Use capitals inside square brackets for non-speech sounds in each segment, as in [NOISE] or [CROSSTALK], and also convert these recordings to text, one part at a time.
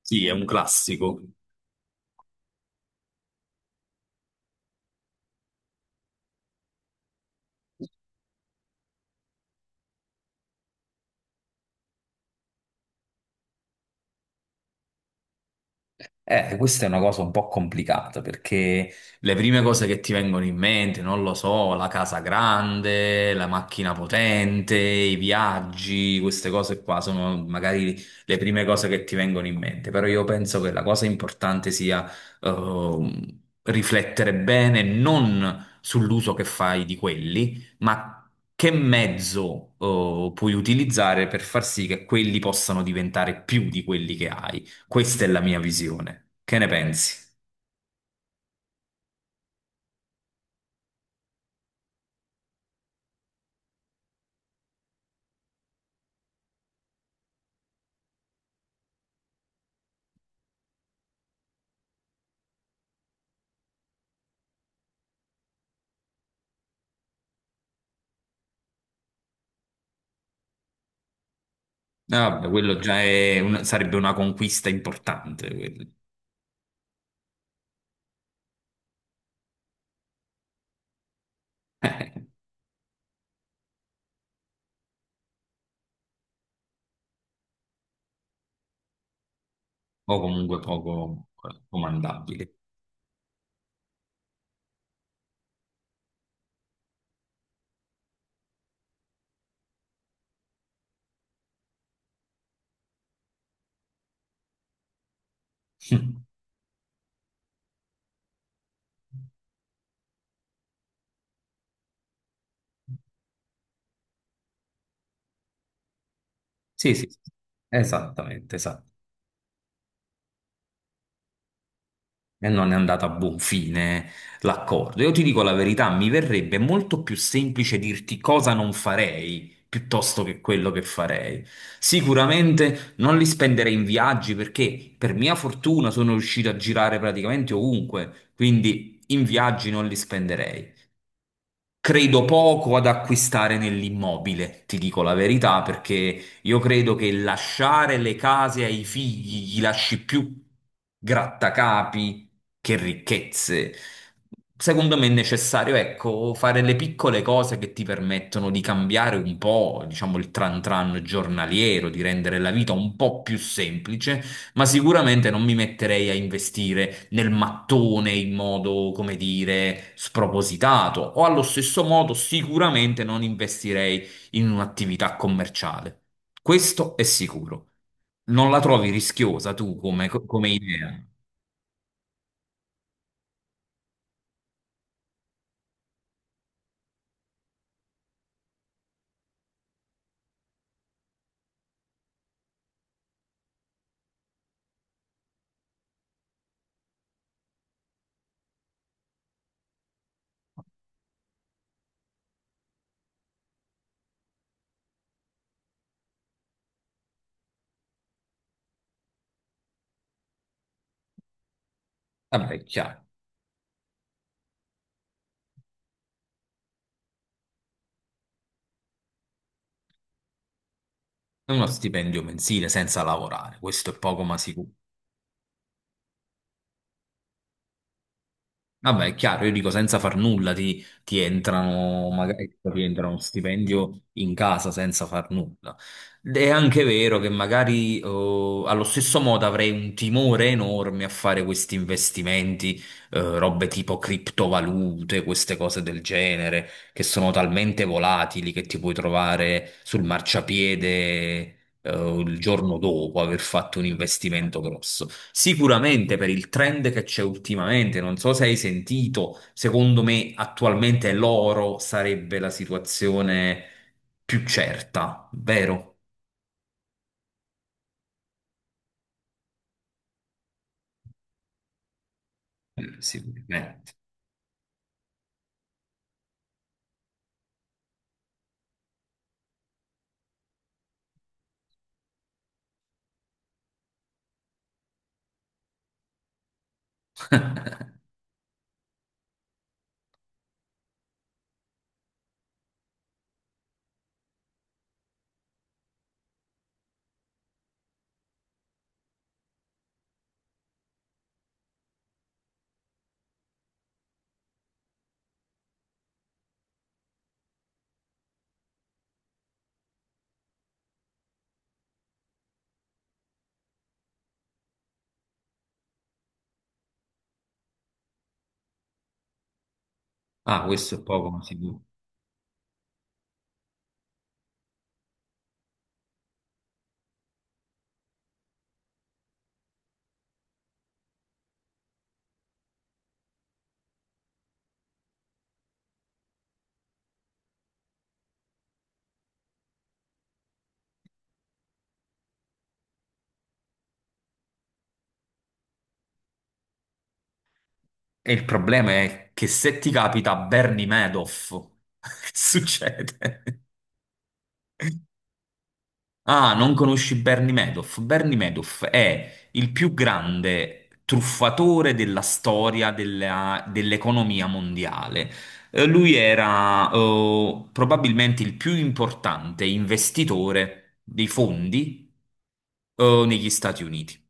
Sì, è un classico. Questa è una cosa un po' complicata perché... Le prime cose che ti vengono in mente, non lo so, la casa grande, la macchina potente, i viaggi, queste cose qua sono magari le prime cose che ti vengono in mente, però io penso che la cosa importante sia riflettere bene non sull'uso che fai di quelli, ma che mezzo puoi utilizzare per far sì che quelli possano diventare più di quelli che hai. Questa è la mia visione. Che ne pensi? Ah, vabbè, quello già è sarebbe una conquista importante, quello. [LAUGHS] o comunque poco comandabile. [LAUGHS] Sì, sì, sì. Esattamente, esattamente. E non è andato a buon fine l'accordo. Io ti dico la verità, mi verrebbe molto più semplice dirti cosa non farei piuttosto che quello che farei. Sicuramente non li spenderei in viaggi perché per mia fortuna sono riuscito a girare praticamente ovunque, quindi in viaggi non li spenderei. Credo poco ad acquistare nell'immobile, ti dico la verità, perché io credo che lasciare le case ai figli gli lasci più grattacapi che ricchezze. Secondo me è necessario, ecco, fare le piccole cose che ti permettono di cambiare un po', diciamo, il tran tran giornaliero, di rendere la vita un po' più semplice, ma sicuramente non mi metterei a investire nel mattone in modo, come dire, spropositato, o allo stesso modo sicuramente non investirei in un'attività commerciale. Questo è sicuro. Non la trovi rischiosa tu come, idea? Vabbè, chiaro, è uno stipendio mensile senza lavorare, questo è poco ma sicuro. Vabbè, è chiaro, io dico senza far nulla ti entrano, magari ti entra uno stipendio in casa senza far nulla. Ed è anche vero che magari allo stesso modo avrei un timore enorme a fare questi investimenti, robe tipo criptovalute, queste cose del genere, che sono talmente volatili che ti puoi trovare sul marciapiede, il giorno dopo aver fatto un investimento grosso. Sicuramente per il trend che c'è ultimamente, non so se hai sentito, secondo me attualmente l'oro sarebbe la situazione più certa, vero? Sicuramente. Ah, questo è poco ma sicuro. E il problema è che se ti capita Bernie Madoff, [LAUGHS] che succede? Ah, non conosci Bernie Madoff? Bernie Madoff è il più grande truffatore della storia dell'economia mondiale. Lui era probabilmente il più importante investitore dei fondi negli Stati Uniti.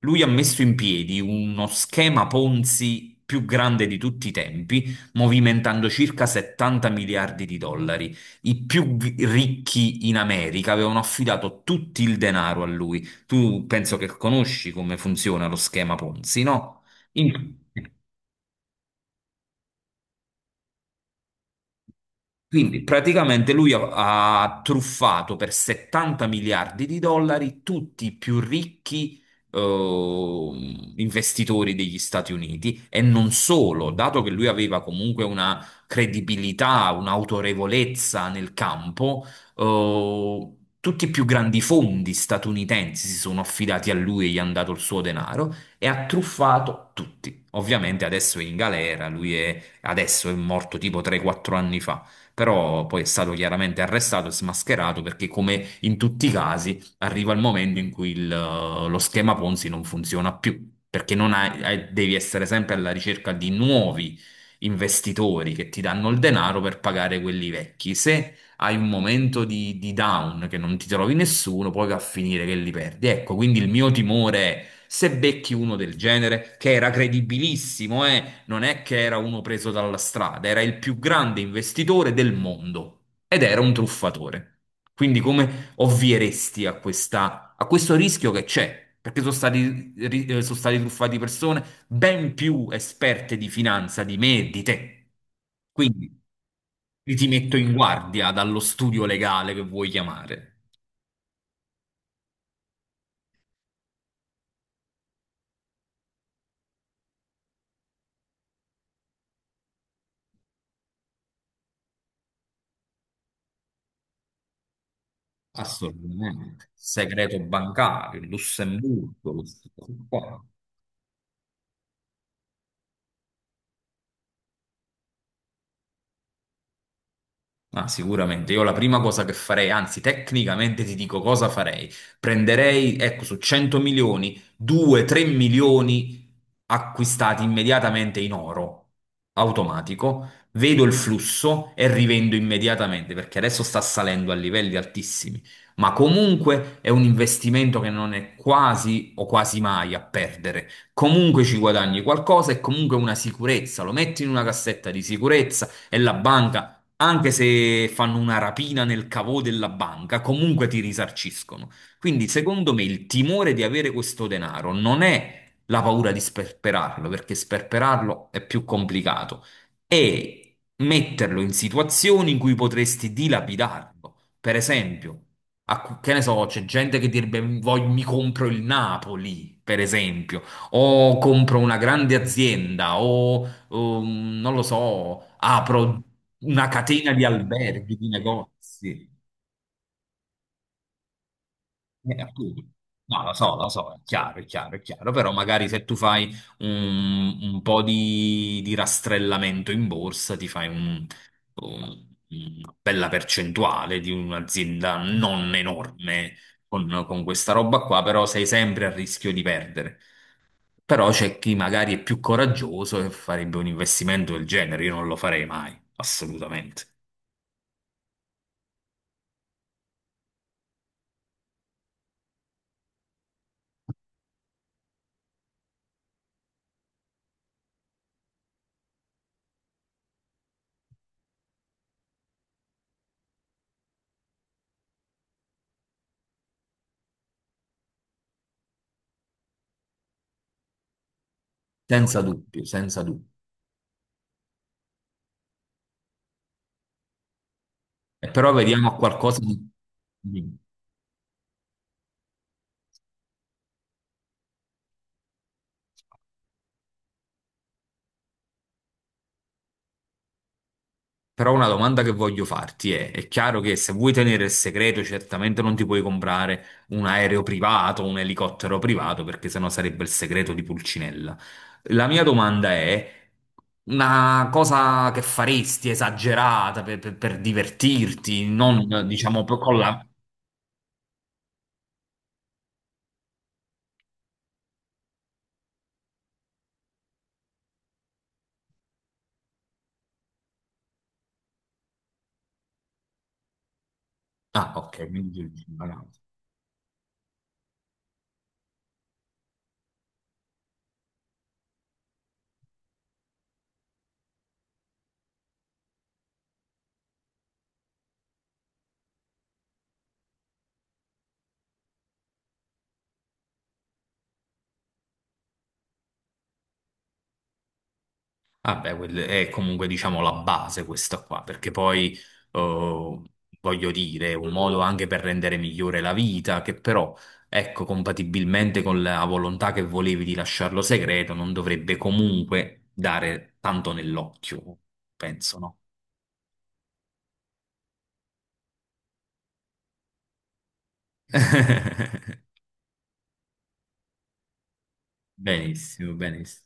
Lui ha messo in piedi uno schema Ponzi più grande di tutti i tempi, movimentando circa 70 miliardi di dollari. I più ricchi in America avevano affidato tutto il denaro a lui. Tu penso che conosci come funziona lo schema Ponzi, no? In- Quindi praticamente lui ha, truffato per 70 miliardi di dollari tutti i più ricchi investitori degli Stati Uniti e non solo, dato che lui aveva comunque una credibilità, un'autorevolezza nel campo, eh, tutti i più grandi fondi statunitensi si sono affidati a lui e gli hanno dato il suo denaro e ha truffato tutti. Ovviamente adesso è in galera, lui è, adesso è morto tipo 3-4 anni fa, però poi è stato chiaramente arrestato e smascherato perché, come in tutti i casi, arriva il momento in cui lo schema Ponzi non funziona più, perché non hai- hai- devi essere sempre alla ricerca di nuovi investitori che ti danno il denaro per pagare quelli vecchi. Se hai un momento di down che non ti trovi nessuno, poi va a finire che li perdi. Ecco, quindi il mio timore è se becchi uno del genere, che era credibilissimo, non è che era uno preso dalla strada, era il più grande investitore del mondo ed era un truffatore. Quindi come ovvieresti a questo rischio che c'è? Perché sono stati truffati persone ben più esperte di finanza di me e di te. Quindi li ti metto in guardia dallo studio legale che vuoi chiamare. Assolutamente. Segreto bancario, Lussemburgo, queste cose qua. Ah, sicuramente. Io la prima cosa che farei, anzi, tecnicamente ti dico cosa farei. Prenderei, ecco, su 100 milioni, 2-3 milioni acquistati immediatamente in oro, automatico. Vedo il flusso e rivendo immediatamente, perché adesso sta salendo a livelli altissimi. Ma comunque è un investimento che non è quasi o quasi mai a perdere. Comunque ci guadagni qualcosa e comunque una sicurezza. Lo metti in una cassetta di sicurezza e la banca, anche se fanno una rapina nel cavo della banca, comunque ti risarciscono. Quindi, secondo me, il timore di avere questo denaro non è la paura di sperperarlo, perché sperperarlo è più complicato, è metterlo in situazioni in cui potresti dilapidarlo. Per esempio, a che ne so, c'è gente che direbbe mi compro il Napoli, per esempio, o compro una grande azienda, o non lo so, apro una catena di alberghi, di negozi". Appunto. No, lo so, è chiaro, è chiaro, è chiaro, però magari se tu fai un, po' di rastrellamento in borsa, ti fai una bella percentuale di un'azienda non enorme con questa roba qua, però sei sempre a rischio di perdere. Però c'è chi magari è più coraggioso e farebbe un investimento del genere, io non lo farei mai, assolutamente. Senza dubbio, senza dubbio. Però vediamo a qualcosa di... di- Però una domanda che voglio farti è chiaro che se vuoi tenere il segreto, certamente non ti puoi comprare un aereo privato, un elicottero privato, perché sennò sarebbe il segreto di Pulcinella. La mia domanda è una cosa che faresti esagerata per divertirti, non diciamo con la... Ah, ok, quindi... Ah, beh, è comunque diciamo la base questa qua, perché poi eh, voglio dire, è un modo anche per rendere migliore la vita, che però, ecco, compatibilmente con la volontà che volevi di lasciarlo segreto, non dovrebbe comunque dare tanto nell'occhio, penso, no? [LAUGHS] Benissimo, benissimo.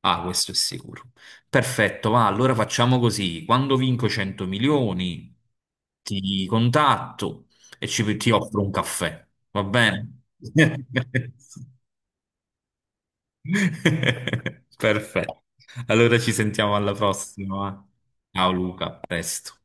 Ah, questo è sicuro. Perfetto, va, allora facciamo così. Quando vinco 100 milioni, ti contatto e ti offro un caffè. Va bene? [LAUGHS] Perfetto. Allora ci sentiamo alla prossima. Va? Ciao Luca, a presto.